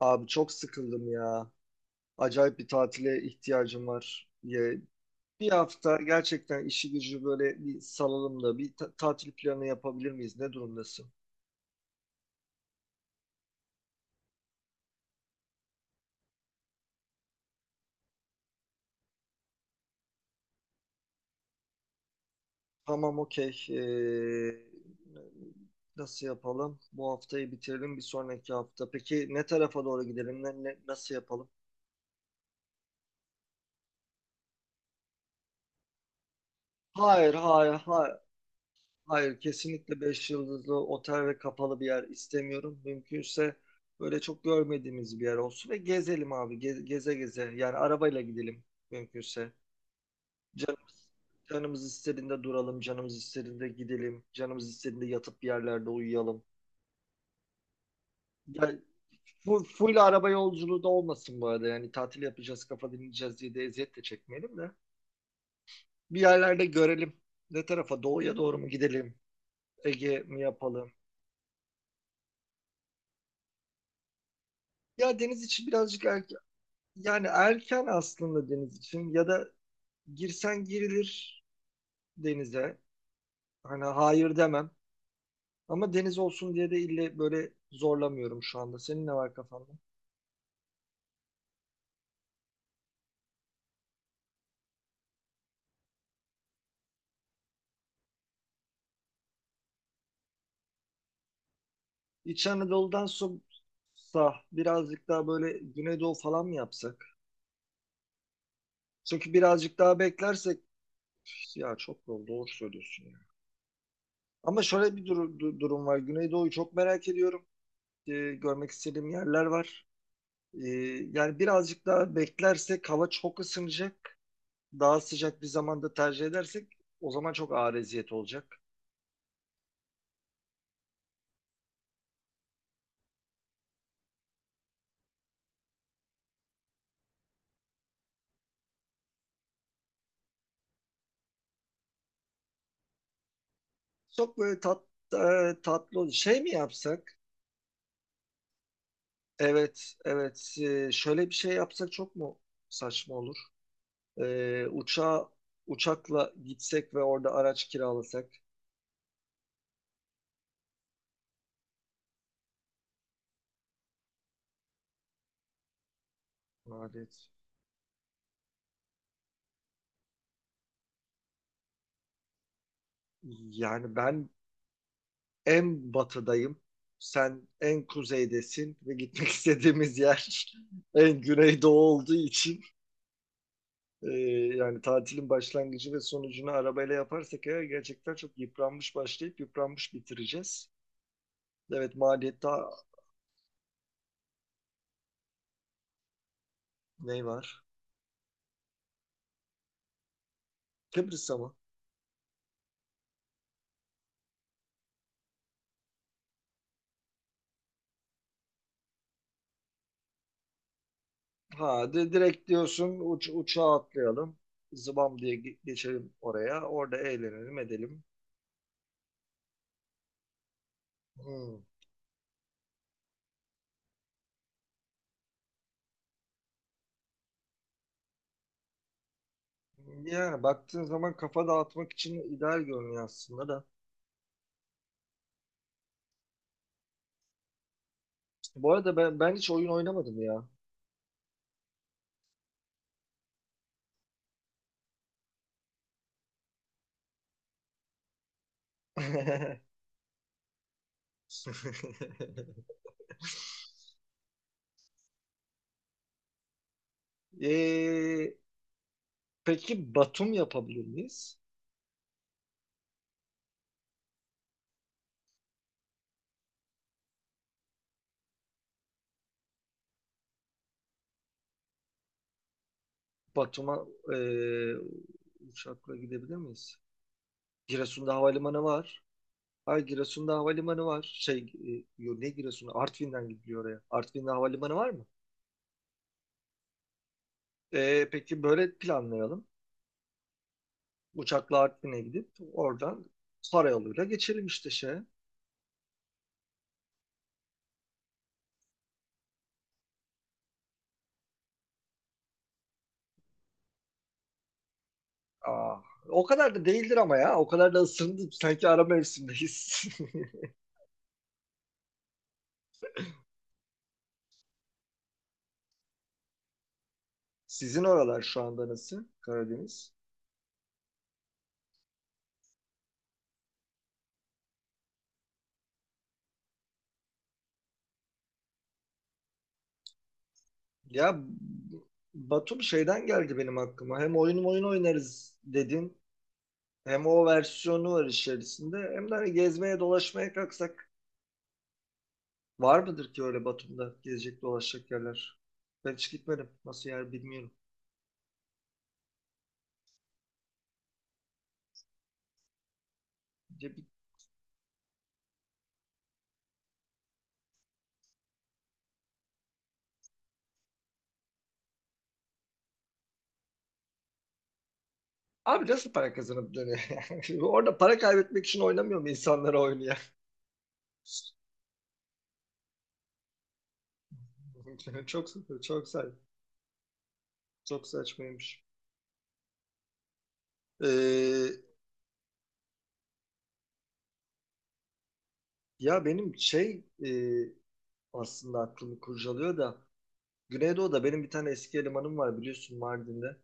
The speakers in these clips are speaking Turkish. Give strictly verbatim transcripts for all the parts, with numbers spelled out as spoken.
Abi çok sıkıldım ya. Acayip bir tatile ihtiyacım var. Ya, bir hafta gerçekten işi gücü böyle bir salalım da bir ta- tatil planı yapabilir miyiz? Ne durumdasın? Tamam okey. Ee, nasıl yapalım? Bu haftayı bitirelim bir sonraki hafta. Peki ne tarafa doğru gidelim? Ne, ne- nasıl yapalım? Hayır, hayır, hayır. Hayır, kesinlikle beş yıldızlı otel ve kapalı bir yer istemiyorum. Mümkünse böyle çok görmediğimiz bir yer olsun ve gezelim abi. Ge- Geze geze. Yani arabayla gidelim mümkünse. Canımız, canımız istediğinde duralım, canımız istediğinde gidelim, canımız istediğinde yatıp bir yerlerde uyuyalım. Yani full, full araba yolculuğu da olmasın bu arada. Yani tatil yapacağız, kafa dinleyeceğiz diye de eziyet de çekmeyelim de. Bir yerlerde görelim. Ne tarafa? Doğuya doğru mu gidelim? Ege mi yapalım? Ya deniz için birazcık er- Yani erken aslında deniz için ya da girsen girilir denize. Hani hayır demem. Ama deniz olsun diye de ille böyle zorlamıyorum şu anda. Senin ne var kafanda? İç Anadolu'dan sonra birazcık daha böyle Güneydoğu falan mı yapsak? Çünkü birazcık daha beklersek ya çok doğru, doğru söylüyorsun ya. Ama şöyle bir duru- du- durum var. Güneydoğu'yu çok merak ediyorum. Ee, görmek istediğim yerler var. Ee, yani birazcık daha beklersek hava çok ısınacak. Daha sıcak bir zamanda tercih edersek o zaman çok ağır eziyet olacak. Çok böyle tat, e, tatlı ol- şey mi yapsak? Evet, evet. E, şöyle bir şey yapsak çok mu saçma olur? E, uçağa uçakla gitsek ve orada araç kiralasak. Evet. Yani ben en batıdayım. Sen en kuzeydesin ve gitmek istediğimiz yer en güneydoğu olduğu için Ee, yani tatilin başlangıcı ve sonucunu arabayla yaparsak eğer gerçekten çok yıpranmış başlayıp yıpranmış bitireceğiz. Evet maliyette ne var? Kıbrıs'a mı? Ha de, direkt diyorsun uç, uçağa atlayalım. Zıbam diye ge- geçelim oraya. Orada eğlenelim edelim. Hmm. Yani baktığın zaman kafa dağıtmak için ideal görünüyor aslında da. Bu arada ben, ben hiç oyun oynamadım ya. Ee, peki Batum yapabilir miyiz? Batum'a e, uçakla gidebilir miyiz? Giresun'da havalimanı var. Hayır Giresun'da havalimanı var. Şey e, yo, ne Giresun'u? Artvin'den gidiliyor oraya. Artvin'de havalimanı var mı? E, peki böyle planlayalım. Uçakla Artvin'e gidip oradan karayoluyla geçelim işte şey. Aa, o kadar da değildir ama ya. O kadar da ısındım. Sanki ara mevsimdeyiz. Sizin oralar şu anda nasıl? Karadeniz. Ya Batum şeyden geldi benim aklıma. Hem oyun oyun oynarız dedin. Hem o versiyonu var içerisinde. Hem de hani gezmeye dolaşmaya kalksak var mıdır ki öyle Batum'da gezecek dolaşacak yerler? Ben hiç gitmedim. Nasıl yer bilmiyorum. Ya bir- Abi nasıl para kazanıp dönüyor? Orada para kaybetmek için oynamıyor mu insanlar oyunu ya? Çok saçma, çok saçma, çok saçmaymış. Ee, ya benim şey e, aslında aklımı kurcalıyor da Güneydoğu'da benim bir tane eski elemanım var biliyorsun Mardin'de.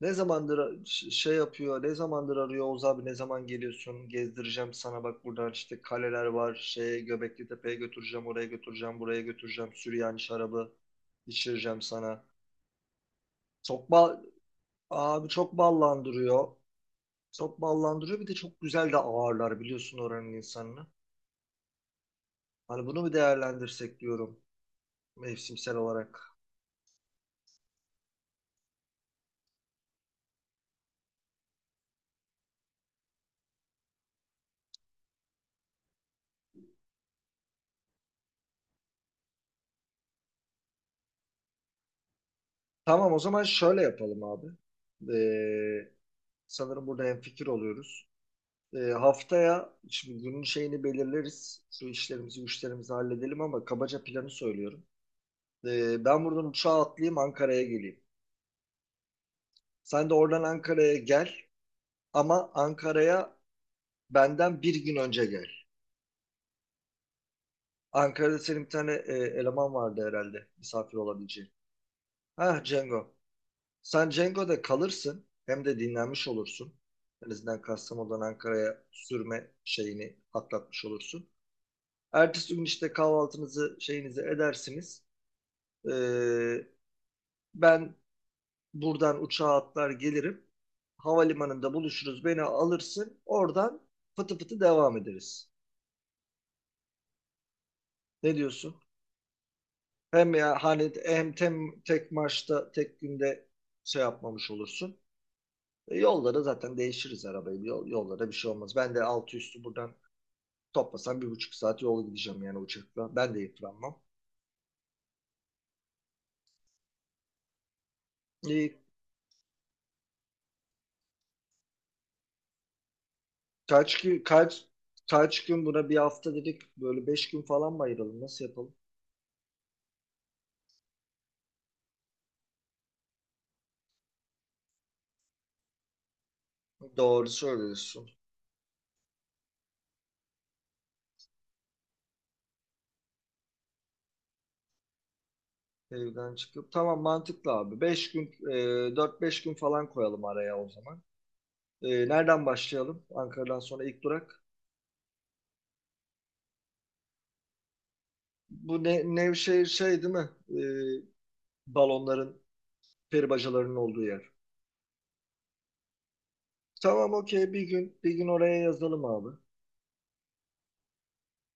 Ne zamandır ş- şey yapıyor, ne zamandır arıyor Oğuz abi ne zaman geliyorsun gezdireceğim sana bak buradan işte kaleler var, şey Göbekli Tepe'ye götüreceğim, oraya götüreceğim, buraya götüreceğim, Süryani şarabı içireceğim sana. Çok bal, abi çok ballandırıyor. Çok ballandırıyor bir de çok güzel de ağırlar biliyorsun oranın insanını. Hani bunu bir değerlendirsek diyorum mevsimsel olarak. Tamam o zaman şöyle yapalım abi. Ee, Sanırım burada hemfikir oluyoruz. Ee, haftaya şimdi günün şeyini belirleriz. Şu işlerimizi, güçlerimizi halledelim ama kabaca planı söylüyorum. Ee, ben buradan uçağa atlayayım Ankara'ya geleyim. Sen de oradan Ankara'ya gel ama Ankara'ya benden bir gün önce gel. Ankara'da senin bir tane e, eleman vardı herhalde misafir olabileceğin. Ha Cengo. Sen Cengo'da kalırsın hem de dinlenmiş olursun. En azından Kastamonu'dan Ankara'ya sürme şeyini atlatmış olursun. Ertesi gün işte kahvaltınızı şeyinizi edersiniz. Ee, ben buradan uçağa atlar gelirim. Havalimanında buluşuruz. Beni alırsın. Oradan fıtı fıtı devam ederiz. Ne diyorsun? Hem ya hani hem tem, tek maçta tek günde şey yapmamış olursun. E, yolda zaten değişiriz arabayı. Yol, yollara bir şey olmaz. Ben de altı üstü buradan toplasam bir buçuk saat yol gideceğim yani uçakla. Ben de yıpranmam. E, Kaç gün kaç kaç gün buna bir hafta dedik böyle beş gün falan mı ayıralım nasıl yapalım? Doğru söylüyorsun. Evden çıkıp tamam mantıklı abi. Beş gün e, dört beş gün falan koyalım araya o zaman. E, nereden başlayalım? Ankara'dan sonra ilk durak. Bu ne, Nevşehir şey şey değil mi? E, balonların peri bacalarının olduğu yer. Tamam okey bir gün bir gün oraya yazalım abi.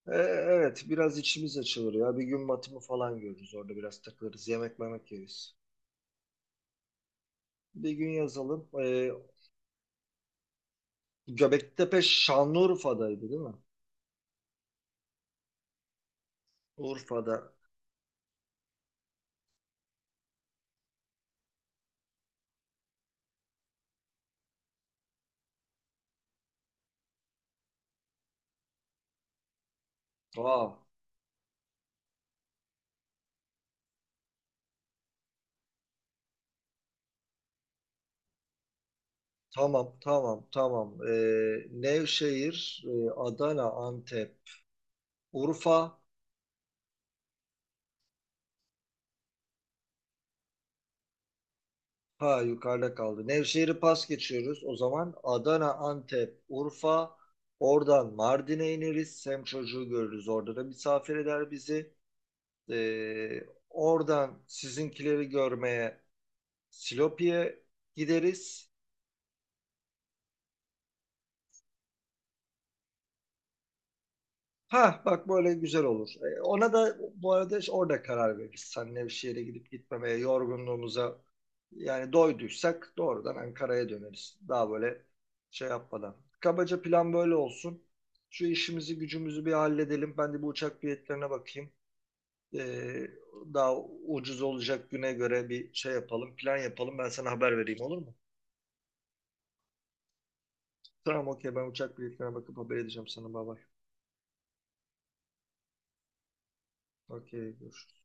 E, evet biraz içimiz açılır ya. Bir gün batımı falan görürüz orada biraz takılırız yemek yemek yeriz. Bir gün yazalım. Ee, Göbektepe Şanlıurfa'daydı değil mi? Urfa'da. Aa, tamam, tamam, tamam. Ee, Nevşehir, e, Adana, Antep, Urfa. Ha yukarıda kaldı. Nevşehir'i pas geçiyoruz. O zaman Adana, Antep, Urfa. Oradan Mardin'e ineriz. Sem çocuğu görürüz. Orada da misafir eder bizi. Ee, oradan sizinkileri görmeye Silopi'ye gideriz. Ha bak böyle güzel olur. E, ona da bu arada işte orada karar veririz. Seninle bir şehre gidip gitmemeye, yorgunluğumuza yani doyduysak doğrudan Ankara'ya döneriz. Daha böyle şey yapmadan. Kabaca plan böyle olsun. Şu işimizi gücümüzü bir halledelim. Ben de bu uçak biletlerine bakayım. E, daha ucuz olacak güne göre bir şey yapalım, plan yapalım. Ben sana haber vereyim olur mu? Tamam okey ben uçak biletlerine bakıp haber edeceğim sana. Bay bay. Okey görüşürüz.